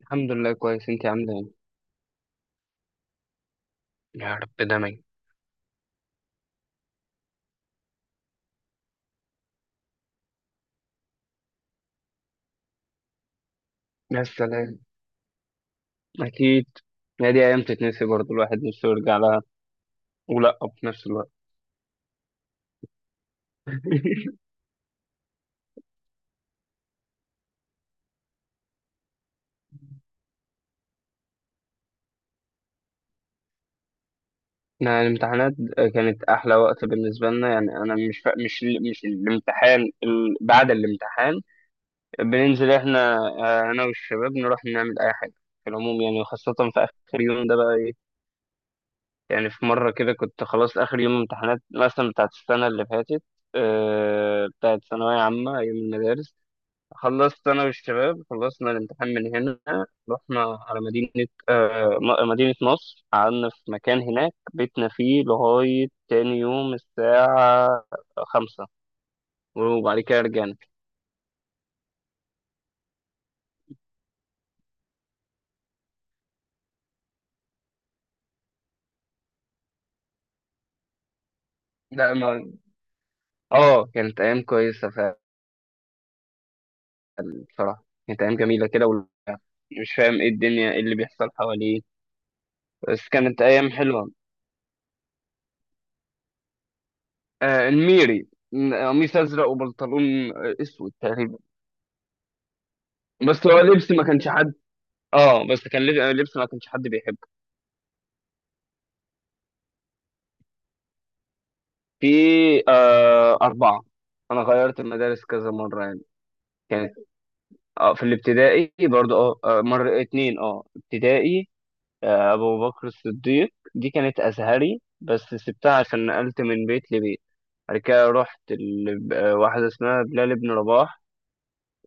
الحمد لله كويس، انت عامله ايه؟ يا رب دايما. يا سلام، اكيد. يا دي ايام تتنسي برضو، الواحد نفسه يرجع لها ولا في نفس الوقت. احنا الامتحانات كانت احلى وقت بالنسبه لنا، يعني انا مش الامتحان، بعد الامتحان بننزل احنا، انا والشباب نروح نعمل اي حاجه في العموم، يعني وخاصه في اخر يوم ده بقى ايه. يعني في مره كده كنت خلاص اخر يوم امتحانات، مثلا بتاعت السنه اللي فاتت، بتاعت ثانويه عامه ايام المدارس. خلصت أنا والشباب، خلصنا الامتحان من هنا، رحنا على مدينة مدينة نصر، قعدنا في مكان هناك بيتنا فيه لغاية تاني يوم الساعة خمسة، وبعد كده رجعنا. لا ما، اه كانت أيام كويسة فعلا. بصراحة كانت أيام جميلة كده مش فاهم ايه الدنيا، ايه اللي بيحصل حواليه، بس كانت ايام حلوه. آه الميري، قميص ازرق وبنطلون اسود تقريبا. بس هو لبس ما كانش حد، اه بس كان لبس ما كانش حد بيحبه. في، آه أربعة، أنا غيرت المدارس كذا مرة يعني. كانت، آه في الابتدائي برضو، اه مرة اتنين اه ابتدائي. آه أبو بكر الصديق دي كانت أزهري، بس سبتها عشان نقلت من بيت لبيت. بعد كده رحت واحدة اسمها بلال بن رباح.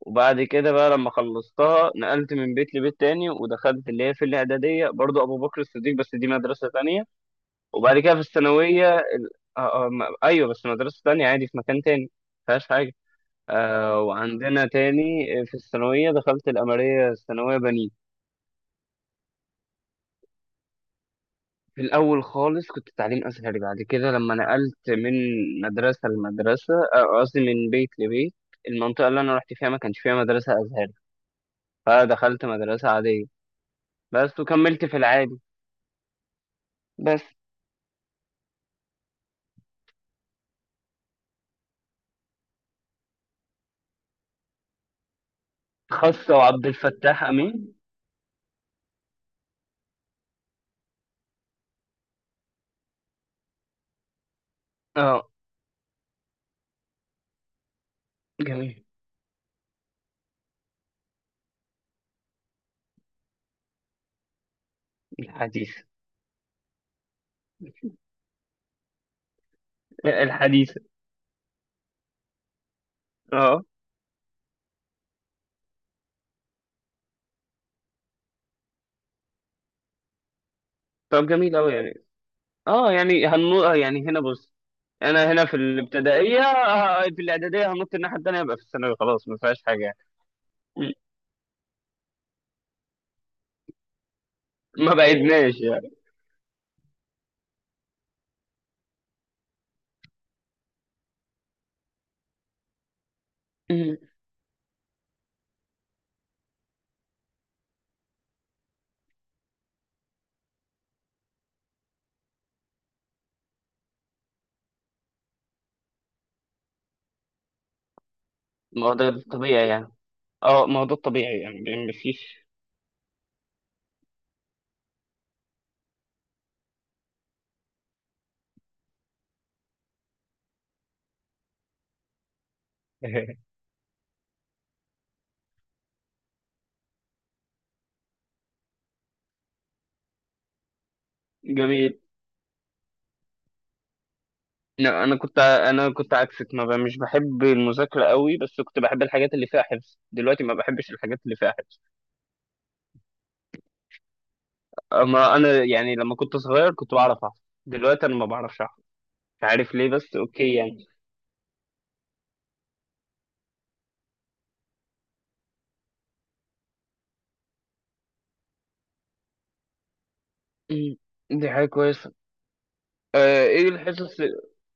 وبعد كده بقى لما خلصتها نقلت من بيت لبيت تاني، ودخلت اللي هي في الإعدادية برضو أبو بكر الصديق، بس دي مدرسة تانية. وبعد كده في الثانوية أيوه، بس مدرسة تانية عادي في مكان تاني، مفيهاش حاجة. آه وعندنا تاني في الثانوية دخلت الأمرية الثانوية بنين. في الأول خالص كنت تعليم أزهري، بعد كده لما نقلت من مدرسة لمدرسة، قصدي من بيت لبيت، المنطقة اللي أنا رحت فيها ما كانش فيها مدرسة أزهري، فدخلت مدرسة عادية بس، وكملت في العادي. بس خاصة وعبد الفتاح أمين. اه جميل. الحديث. الحديث. اه طب جميل أوي يعني. اه يعني هنو... آه، يعني هنا بص، انا هنا في الابتدائيه، في الاعداديه هنط الناحيه التانيه، يبقى في الثانوي خلاص ما فيهاش حاجه يعني. م- ما بعدناش يعني. م. ما هو ده الطبيعي يعني. اه، ما هو ده الطبيعي يعني ما فيش. جميل. لا انا انا كنت عكسك، ما ب... مش بحب المذاكره قوي، بس كنت بحب الحاجات اللي فيها حفظ. دلوقتي ما بحبش الحاجات اللي فيها حفظ. اما انا، يعني لما كنت صغير كنت بعرف احفظ، دلوقتي انا ما بعرفش احفظ. مش عارف ليه، بس اوكي يعني. م. دي حاجه كويسه. ايه الحصص؟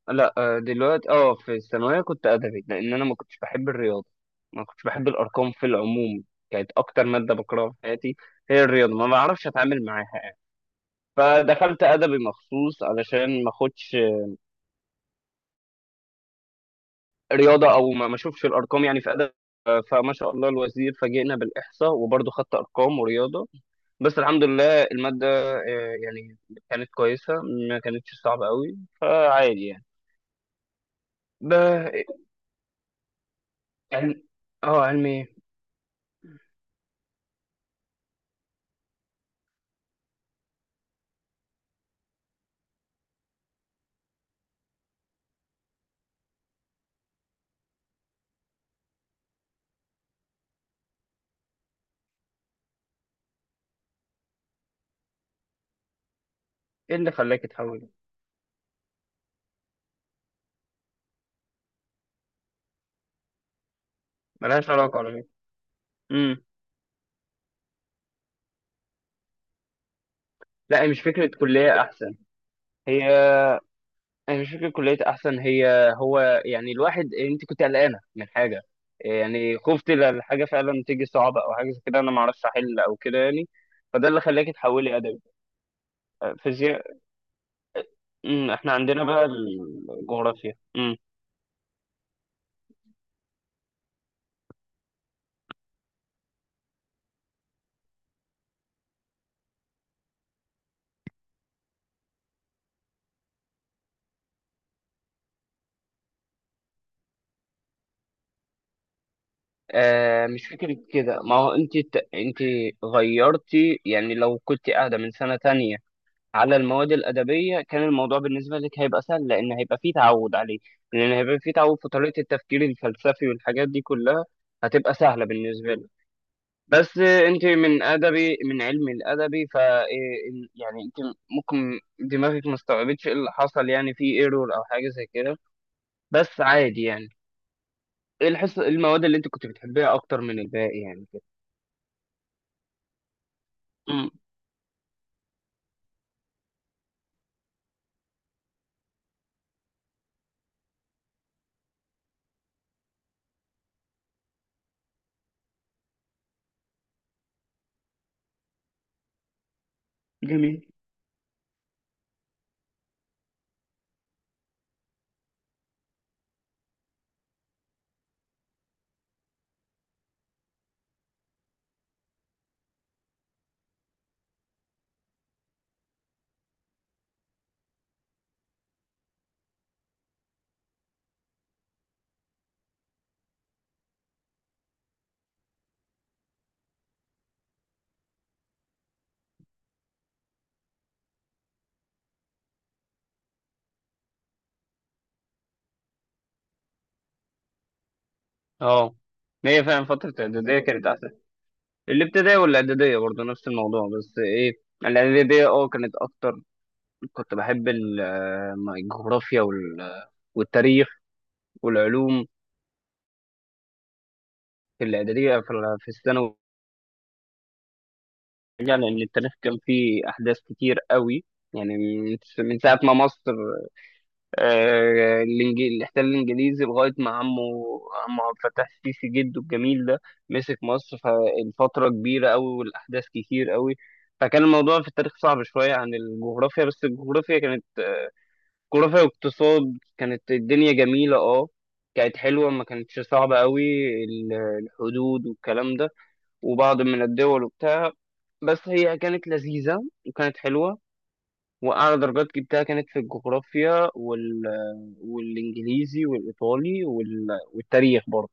لا، دلوقتي اه في الثانويه كنت ادبي، لان انا ما كنتش بحب الرياضه، ما كنتش بحب الارقام في العموم. كانت اكتر ماده بكرهها في حياتي هي الرياضه، ما بعرفش اتعامل معاها يعني. فدخلت ادبي مخصوص علشان ما اخدش رياضه، او ما اشوفش الارقام يعني في ادبي. فما شاء الله الوزير فاجئنا بالاحصاء، وبرضه خدت ارقام ورياضه. بس الحمد لله الماده، يعني كانت كويسه، ما كانتش صعبه قوي، فعادي يعني. ب... علم... اه علمي. ايه اللي خلاك تحول؟ ملهاش علاقه على فكره. امم. لا، هي هي مش فكره كليه احسن، هي، هو يعني الواحد، انت كنت قلقانه من حاجه، يعني خفت الحاجه فعلا تيجي صعبه، او حاجه زي كده انا ما اعرفش احل او كده يعني، فده اللي خلاك تحولي ادبي؟ فيزياء. امم، احنا عندنا بقى الجغرافيا. امم. آه مش فكره كده، ما هو انت غيرتي. يعني لو كنت قاعده من سنه تانية على المواد الأدبية، كان الموضوع بالنسبة لك هيبقى سهل، لأن هيبقى فيه تعود عليه، لأن هيبقى فيه تعود في طريقة التفكير الفلسفي والحاجات دي كلها. هتبقى سهلة بالنسبة لك. بس أنت من أدبي، من علم الأدبي، ف يعني أنت ممكن دماغك ما استوعبتش إيه اللي حصل، يعني في ايرور أو حاجة زي كده، بس عادي يعني. إيه الحصة المواد اللي أنت كنت بتحبيها أكتر من الباقي يعني كده؟ أمم. جميل. أه، هي فعلا فترة الإعدادية كانت أحسن. الابتدائية والإعدادية برضه نفس الموضوع، بس إيه، الإعدادية أه كانت أكتر. كنت بحب الجغرافيا والتاريخ والعلوم في الإعدادية، في في الثانوي يعني. لأن التاريخ كان فيه أحداث كتير قوي، يعني من ساعة ما مصر، اللي احتل الانجليزي لغايه ما عمه عبد الفتاح السيسي جده الجميل ده مسك مصر، فالفتره كبيره قوي والاحداث كتير قوي. فكان الموضوع في التاريخ صعب شويه عن الجغرافيا، بس الجغرافيا كانت جغرافيا واقتصاد، كانت الدنيا جميله اه. كانت حلوه، ما كانتش صعبه قوي، ال- الحدود والكلام ده وبعض من الدول وبتاع، بس هي كانت لذيذه وكانت حلوه. وأعلى درجات جبتها كانت في الجغرافيا والإنجليزي والإيطالي والتاريخ برضه.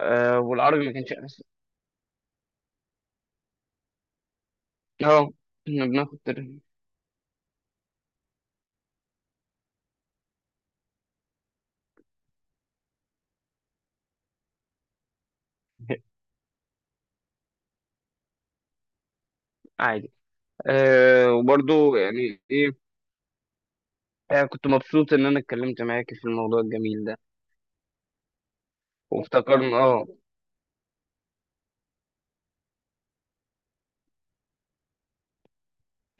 أه والعربي ما كانش أحسن. اه كنا بناخد تاريخ. عادي. أه وبرضه يعني إيه. أه كنت مبسوط إن أنا اتكلمت معاك في الموضوع الجميل ده وافتكرنا، اه.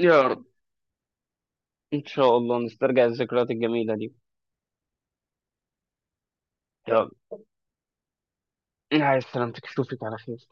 يا رب إن شاء الله نسترجع الذكريات الجميلة دي. يلا، عايز سلامتك، أشوفك على خير.